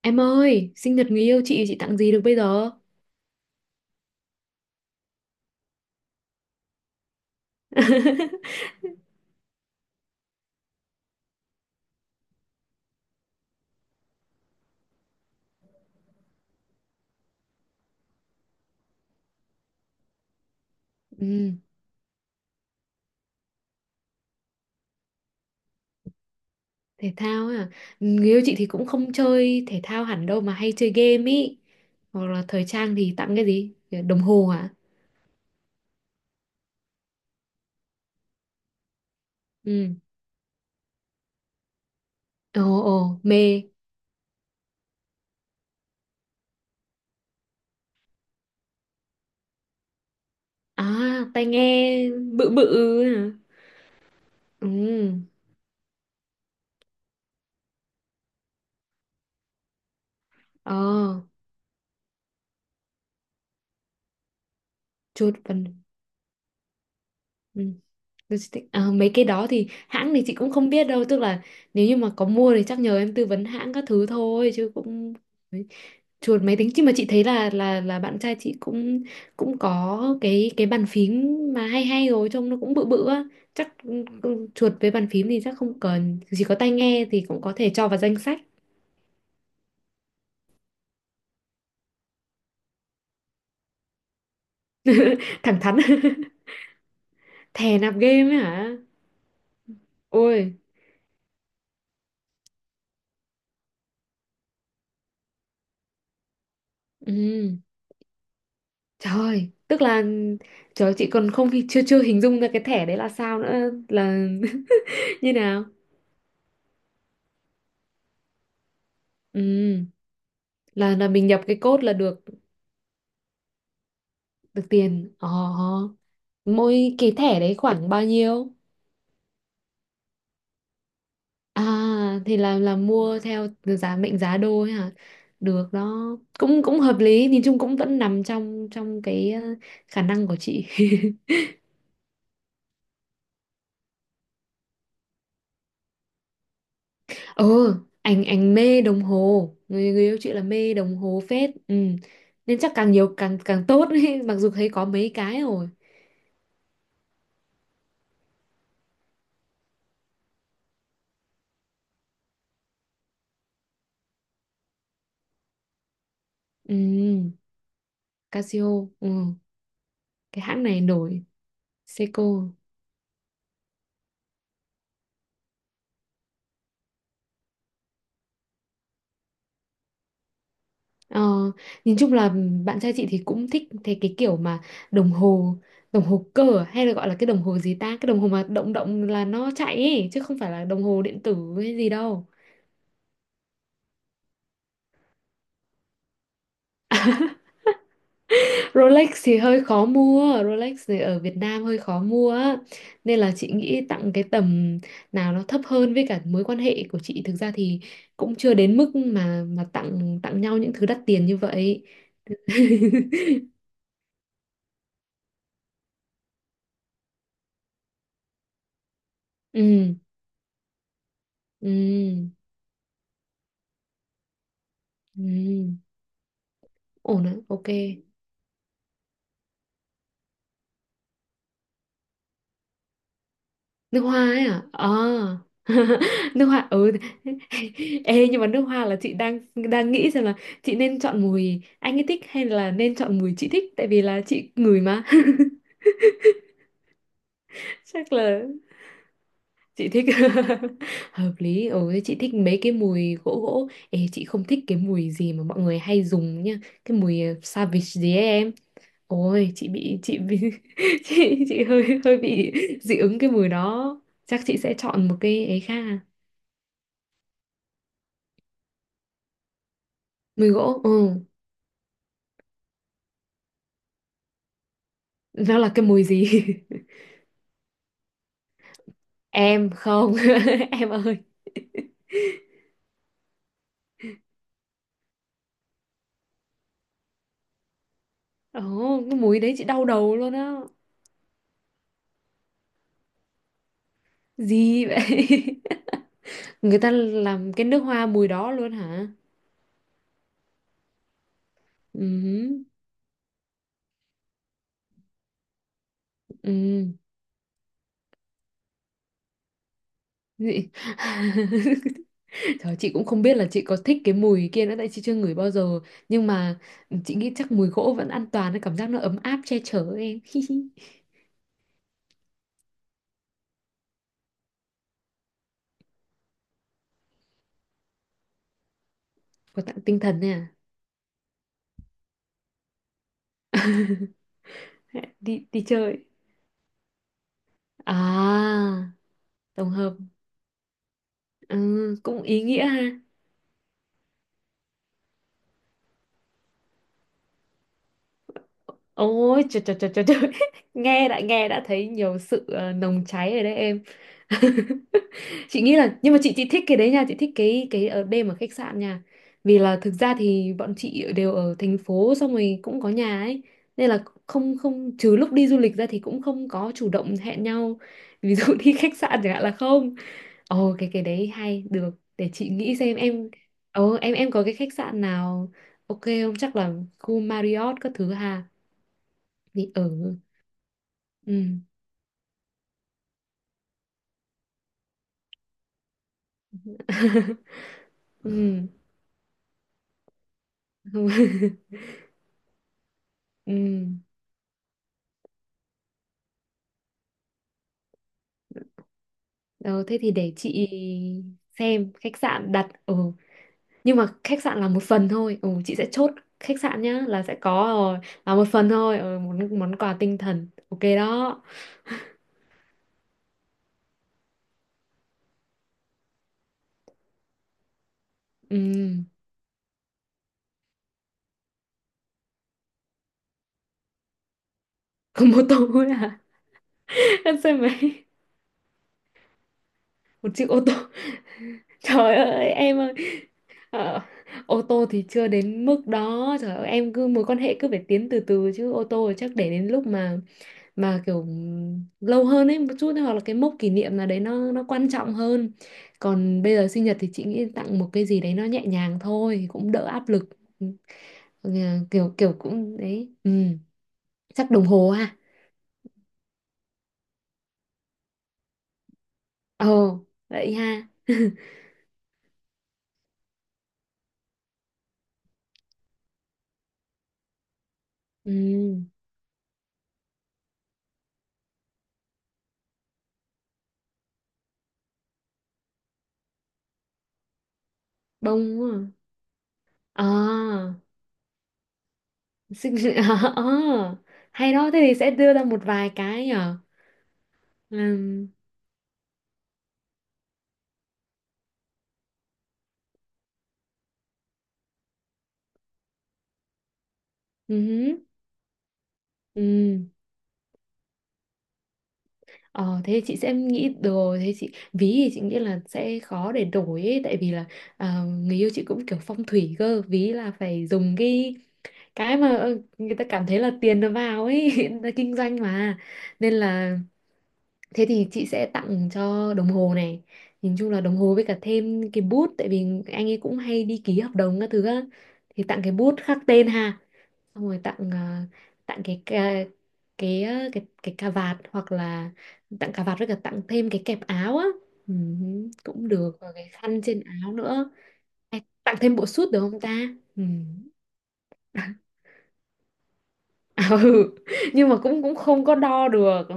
Em ơi, sinh nhật người yêu chị tặng gì được bây giờ? Ừ, thể thao à? Ừ, người yêu chị thì cũng không chơi thể thao hẳn đâu mà hay chơi game ý. Hoặc là thời trang thì tặng cái gì? Đồng hồ à? Ừ. Ồ ồ, mê. À, tai nghe bự bự à? Ừ. Ờ, chuột vân. Ừ. Logistics. À, mấy cái đó thì hãng thì chị cũng không biết đâu, tức là nếu như mà có mua thì chắc nhờ em tư vấn hãng các thứ thôi chứ cũng đấy. Chuột máy tính, chứ mà chị thấy là là bạn trai chị cũng cũng có cái bàn phím mà hay hay rồi, trông nó cũng bự bự á. Chắc ừ, ừ, chuột với bàn phím thì chắc không cần, chỉ có tai nghe thì cũng có thể cho vào danh sách. Thẳng thắn. Thè nạp game ấy hả? Ôi ừ. Trời, tức là trời chị còn không chưa chưa hình dung ra cái thẻ đấy là sao nữa là. Như nào. Ừ, là mình nhập cái code là được được tiền. Ờ, mỗi cái thẻ đấy khoảng bao nhiêu? À, thì là mua theo mệnh giá đô ấy hả? Được đó. Cũng cũng hợp lý, nhìn chung cũng vẫn nằm trong trong cái ờ, khả năng của chị. Ừ, anh mê đồng hồ, người yêu chị là mê đồng hồ phết. Ừ. Nên chắc càng nhiều càng càng tốt ấy. Mặc dù thấy có mấy cái rồi. Ừ, Casio, ừ. Cái hãng này nổi, Seiko. Ờ, nhìn chung là bạn trai chị thì cũng thích thế, cái kiểu mà đồng hồ, đồng hồ cơ à? Hay là gọi là cái đồng hồ gì ta, cái đồng hồ mà động động là nó chạy ấy, chứ không phải là đồng hồ điện tử hay gì đâu. Rolex thì hơi khó mua, Rolex thì ở Việt Nam hơi khó mua á. Nên là chị nghĩ tặng cái tầm nào nó thấp hơn, với cả mối quan hệ của chị thực ra thì cũng chưa đến mức mà tặng tặng nhau những thứ đắt tiền như vậy. Ừ, ừ, ừ. Ổn ạ, ok. Nước hoa ấy à? À. Nước hoa ừ. Ê nhưng mà nước hoa là chị đang đang nghĩ xem là chị nên chọn mùi anh ấy thích hay là nên chọn mùi chị thích, tại vì là chị ngửi mà. Chắc là chị thích. Hợp lý. Ồ thế chị thích mấy cái mùi gỗ gỗ. Ê, chị không thích cái mùi gì mà mọi người hay dùng nha, cái mùi Savage gì ấy em. Ôi chị bị. Chị hơi hơi bị dị ứng cái mùi đó, chắc chị sẽ chọn một cái ấy khác à. Mùi gỗ, ừ. Nó là cái mùi gì? Em không. Em ơi, ồ cái mùi đấy chị đau đầu luôn á. Gì vậy? Người ta làm cái nước hoa mùi đó luôn hả? Ừ. Ừ. Dị. Trời, chị cũng không biết là chị có thích cái mùi kia nữa, tại chị chưa ngửi bao giờ. Nhưng mà chị nghĩ chắc mùi gỗ vẫn an toàn, cảm giác nó ấm áp che chở em. Có tặng tinh thần nè. Đi đi chơi à. Tổng hợp. Ừ, cũng ý nghĩa ha. Ôi trời trời trời trời trời. nghe đã thấy nhiều sự nồng cháy rồi đấy em. Chị nghĩ là, nhưng mà chị thích cái đấy nha, chị thích cái ở đêm ở khách sạn nha. Vì là thực ra thì bọn chị đều ở thành phố, xong rồi cũng có nhà ấy, nên là không không trừ lúc đi du lịch ra thì cũng không có chủ động hẹn nhau, ví dụ đi khách sạn chẳng hạn là không. Ồ cái đấy hay được, để chị nghĩ xem em. Ồ, em có cái khách sạn nào ok không, chắc là khu Marriott các thứ ha. Thì ở, ừ. Ừ, ừ. Ờ, thế thì để chị xem khách sạn đặt, ừ. Nhưng mà khách sạn là một phần thôi, ừ, chị sẽ chốt khách sạn nhá, là sẽ có rồi, là một phần thôi, ừ, món món quà tinh thần ok đó. Ừm, có mô tô thôi à. Là xe máy, một chiếc ô tô. Trời ơi em ơi. Ờ, ô tô thì chưa đến mức đó, trời ơi em, cứ mối quan hệ cứ phải tiến từ từ chứ, ô tô thì chắc để đến lúc mà kiểu lâu hơn ấy một chút, hoặc là cái mốc kỷ niệm nào đấy nó quan trọng hơn. Còn bây giờ sinh nhật thì chị nghĩ tặng một cái gì đấy nó nhẹ nhàng thôi, cũng đỡ áp lực. Ừ, kiểu kiểu cũng đấy ừ. Chắc đồng hồ ha. Ồ vậy ha. Ừ. Bông đúng không? À. Ờ, sinh à, hay đó, thế thì sẽ đưa ra một vài cái nhở. Ừm, ừm. Ừ. Ờ, thế thì chị sẽ nghĩ được rồi, thế chị ví thì chị nghĩ là sẽ khó để đổi ấy, tại vì là à, người yêu chị cũng kiểu phong thủy cơ, ví là phải dùng cái cái người ta cảm thấy là tiền nó vào ấy. Người ta kinh doanh mà, nên là thế thì chị sẽ tặng cho đồng hồ này, nhìn chung là đồng hồ với cả thêm cái bút, tại vì anh ấy cũng hay đi ký hợp đồng các thứ á, thì tặng cái bút khắc tên ha, xong rồi tặng à, tặng cái cà vạt, hoặc là tặng cà vạt với cả tặng thêm cái kẹp áo á, ừ, cũng được, và cái khăn trên áo nữa. Hay tặng thêm bộ sút được không ta? Ừ. À, ừ. Nhưng mà cũng cũng không có đo được, ừ.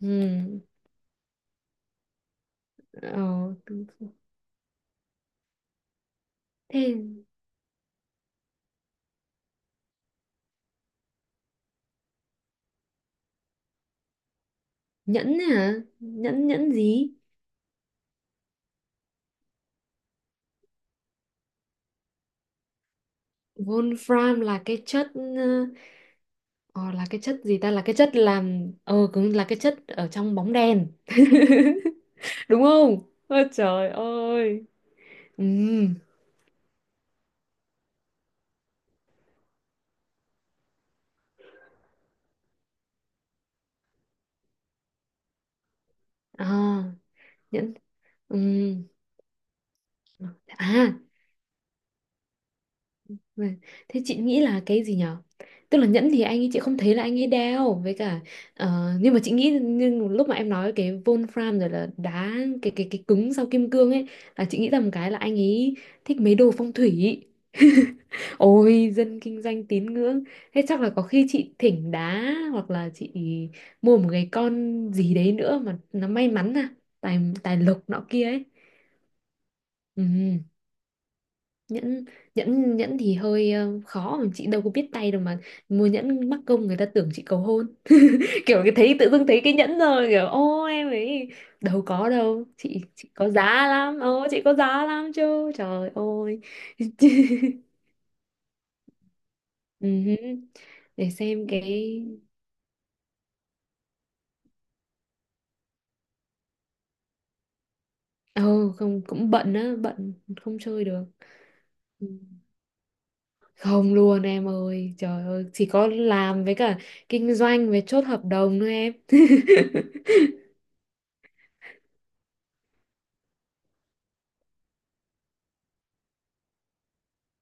Ừ. Ờ, thế nhẫn hả? Nhẫn nhẫn gì? Wolfram là cái chất ờ, là cái chất gì ta, là cái chất làm cũng là cái chất ở trong bóng đèn đúng không, ôi trời ơi. Ừ. À, nhẫn, ừ. À. Vâng. Thế chị nghĩ là cái gì nhở? Tức là nhẫn thì anh ấy, chị không thấy là anh ấy đeo, với cả nhưng mà chị nghĩ, nhưng lúc mà em nói cái Wolfram rồi là đá, cái cứng sau kim cương ấy, là chị nghĩ là một cái là anh ấy thích mấy đồ phong thủy. Ôi dân kinh doanh tín ngưỡng. Thế chắc là có khi chị thỉnh đá, hoặc là chị mua một cái con gì đấy nữa mà nó may mắn, à, Tài tài lộc nọ kia ấy. Ừ. nhẫn nhẫn nhẫn thì hơi khó, mà chị đâu có biết tay đâu mà. Mua nhẫn mắc công người ta tưởng chị cầu hôn. Kiểu cái thấy, tự dưng thấy cái nhẫn rồi kiểu ô em ấy đâu có đâu, chị có giá lắm, ô chị có giá lắm chứ trời ơi. Ừhứ. Để xem cái, ừ không, cũng bận á, bận không chơi được. Ừ. Không luôn em ơi, trời ơi, chỉ có làm với cả kinh doanh với chốt hợp đồng thôi em.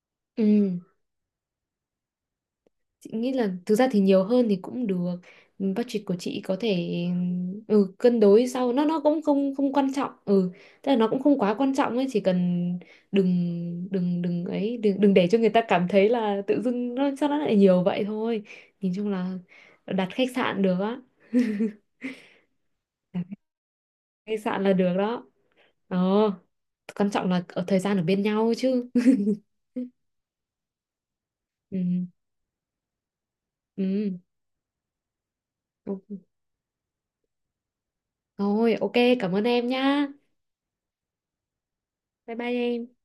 Ừ. Chị nghĩ là thực ra thì nhiều hơn thì cũng được. Budget của chị có thể ừ, cân đối sau, nó cũng không không quan trọng. Ừ, tức là nó cũng không quá quan trọng ấy, chỉ cần đừng đừng đừng ấy đừng đừng để cho người ta cảm thấy là tự dưng nó sao nó lại nhiều vậy thôi. Nhìn chung là đặt khách sạn được á. Đặt khách sạn là được đó. Ờ, quan trọng là ở thời gian ở bên nhau chứ. Ừ, ừ. Ok. Thôi, ok, cảm ơn em nhá. Bye bye em.